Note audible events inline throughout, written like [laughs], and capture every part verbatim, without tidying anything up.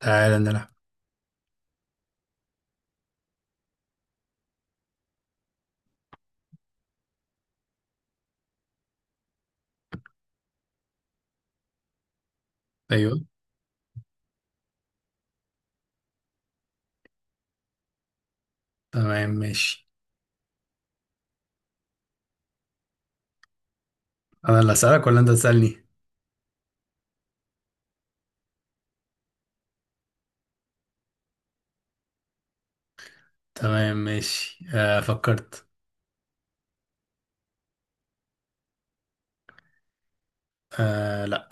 تعالى نلعب. ايوه تمام ماشي. انا اللي اسالك ولا انت تسالني؟ تمام ماشي، آه فكرت. آه لا.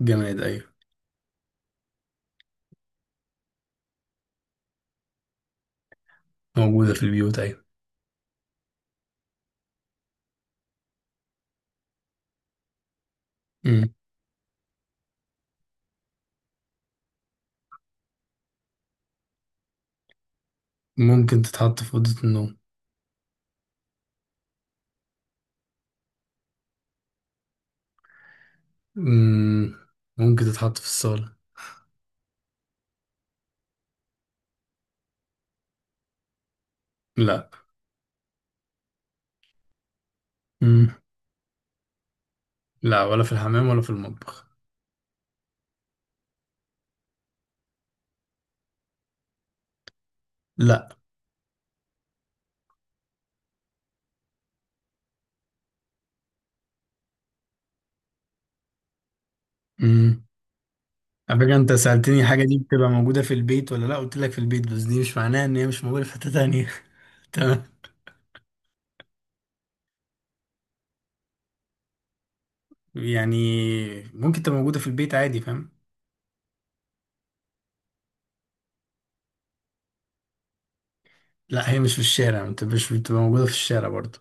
جماد ايوه. موجوده في البيوت ايوه. مم. ممكن تتحط في اوضه النوم. مم. ممكن تتحط في الصاله. لا. مم. لا ولا في الحمام ولا في المطبخ. لا. مم. على فكره، انت سالتني حاجه دي بتبقى موجوده في البيت ولا لا، قلت لك في البيت، بس دي مش معناها ان هي مش موجوده في حته تانية. [laughs] تمام. يعني ممكن تبقى موجوده في البيت عادي، فاهم. لا هي مش في الشارع، ما بتبقاش بتبقى موجودة في الشارع برضه.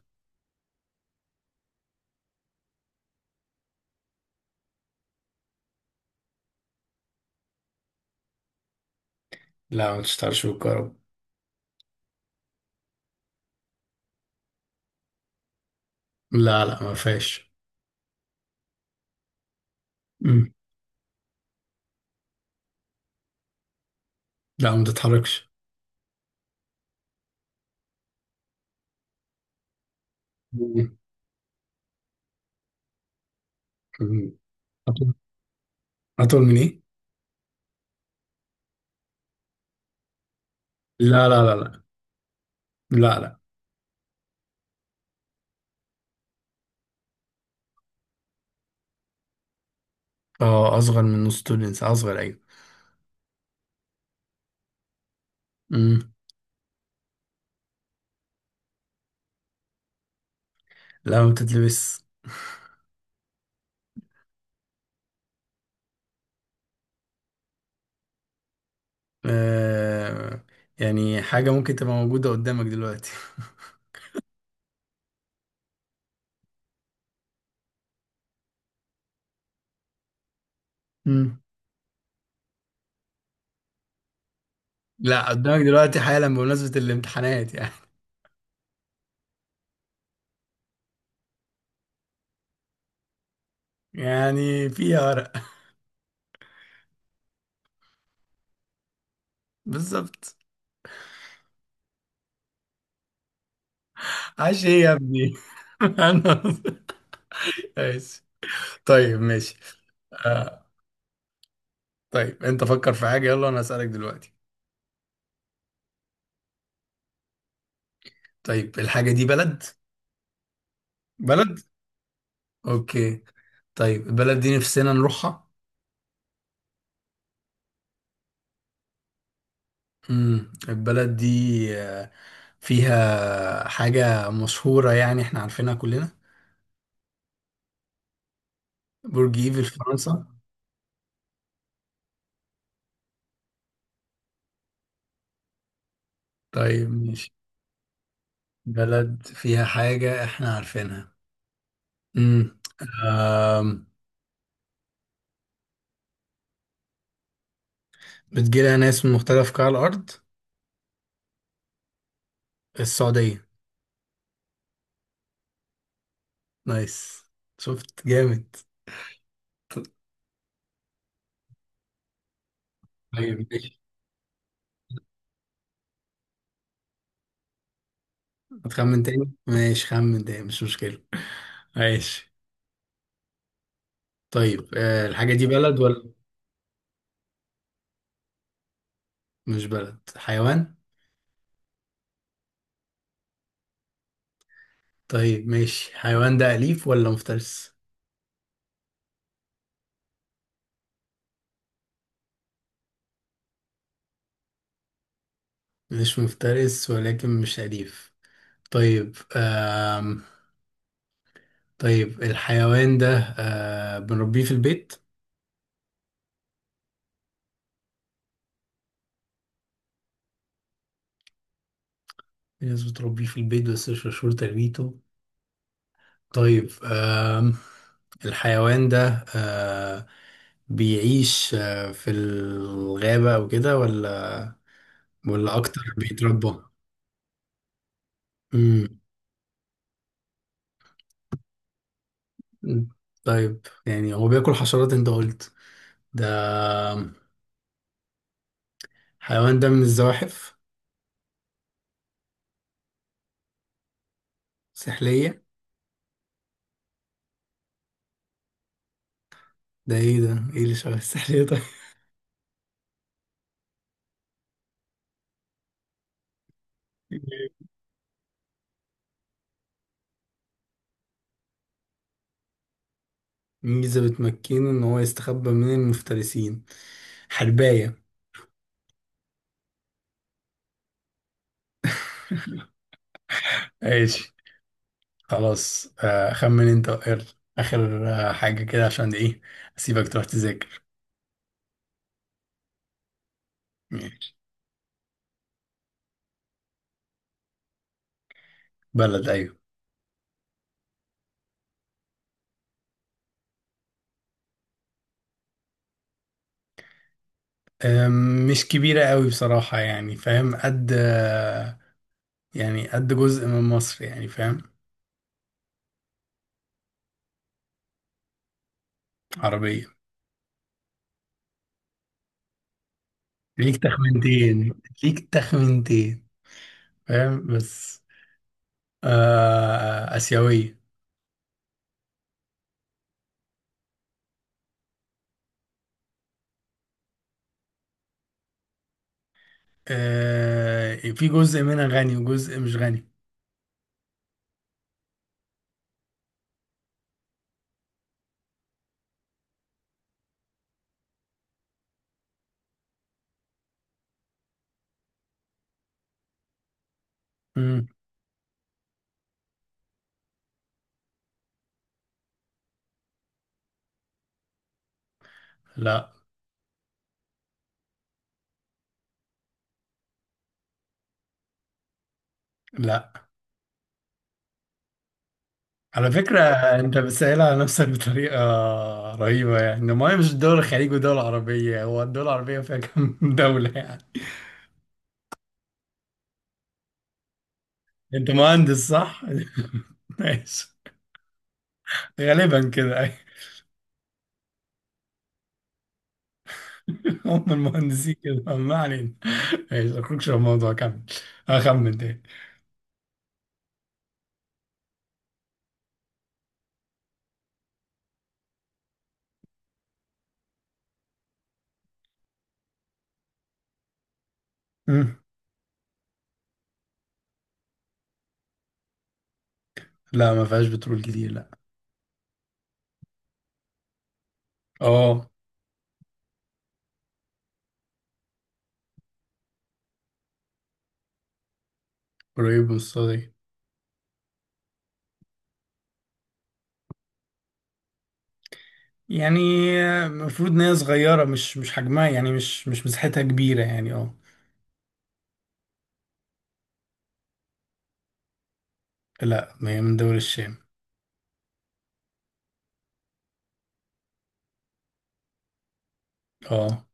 لا ما تشتغلش بالكهرباء. لا لا ما فيهاش. مم. لا ما تتحركش. مم. مم. أطول. أطول من إيه؟ لا لا لا لا. لا لا. اه أصغر من نص طول الإنسان، أصغر أيوة. مم. لا ما بتتلبس. آه يعني حاجة ممكن تبقى موجودة قدامك دلوقتي. [laughs] مم. لا قدامك دلوقتي حالا، بمناسبة الامتحانات يعني. يعني فيها ورق. [laughs] بالظبط. عاش ايه يا ابني؟ [laughs] انا ماشي. طيب ماشي. آه طيب انت فكر في حاجة، يلا انا هسألك دلوقتي. طيب الحاجة دي بلد؟ بلد. اوكي. طيب البلد دي نفسنا نروحها؟ امم البلد دي آه، فيها حاجة مشهورة يعني احنا عارفينها كلنا؟ برج ايفل في فرنسا؟ طيب ماشي. بلد فيها حاجة احنا عارفينها؟ امم. أم، بتجيلها ناس من مختلف قطاع الأرض؟ السعودية؟ نايس. شفت جامد. طيب هتخمن تاني؟ ماشي خمن تاني، مش مشكلة. ماشي. طيب آه الحاجة دي بلد ولا؟ مش بلد، حيوان؟ طيب ماشي، حيوان ده أليف ولا مفترس؟ مش مفترس ولكن مش أليف. طيب آم. طيب الحيوان ده آه بنربيه في البيت؟ في ناس بتربيه في البيت بس مش مشهور تربيته. طيب آم. الحيوان ده آه بيعيش آه في الغابة أو كده، ولا ولا أكتر بيتربى؟ امم. طيب يعني هو بياكل حشرات انت قلت، ده حيوان ده من الزواحف؟ سحلية؟ ده ايه ده؟ ايه اللي شبه السحلية؟ طيب. [laughs] ميزة بتمكنه ان هو يستخبى من المفترسين. حرباية؟ ماشي. خلاص آه، خمن انت اخر اخر آه، حاجة كده عشان ايه، اسيبك تروح تذاكر. ماشي. بلد ايوه. آم، مش كبيرة قوي بصراحة يعني فاهم، قد آه، يعني قد جزء من مصر يعني فاهم. عربية. ليك تخمنتين. ليك تخمنتين، فاهم بس. آه آسيوية. آه في جزء منها غني وجزء مش غني. مم. لا لا. على فكرة، أنت بتسأل على نفسك بطريقة رهيبة يعني. ما هي مش دول الخليج ودول العربية، هو الدول العربية فيها كم [laughs] دولة يعني. أنت مهندس صح؟ [laughs] ماشي. غالبا كده أيوة. [laughs] هم المهندسين كده، ما علينا. ماشي أخرجش في الموضوع، كمل. أخمن تاني. لا ما فيهاش بترول كتير، لا. اه. قريب من الصاج. يعني المفروض ان هي صغيره، مش مش حجمها يعني مش مش مساحتها كبيره يعني اه. لا ما هي من دول الشام. اه.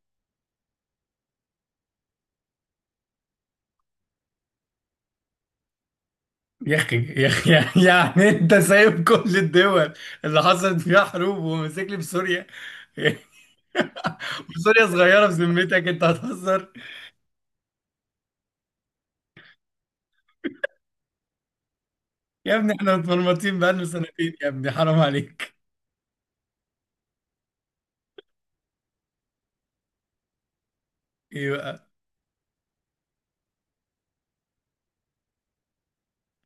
يا اخي، يا اخي. [laughs] يعني انت سايب كل الدول اللي حصلت فيها حروب وماسك لي بسوريا؟ [laughs] وسوريا صغيره بذمتك، انت هتهزر؟ يا ابني احنا متمرمطين بقالنا سنتين يا ابني، حرام عليك. ايه بقى؟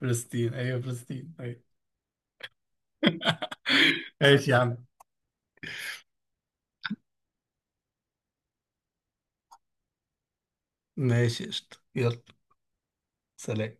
فلسطين ايوه، فلسطين ايوه. ماشي يا عم. ماشي قشطة، يلا سلام.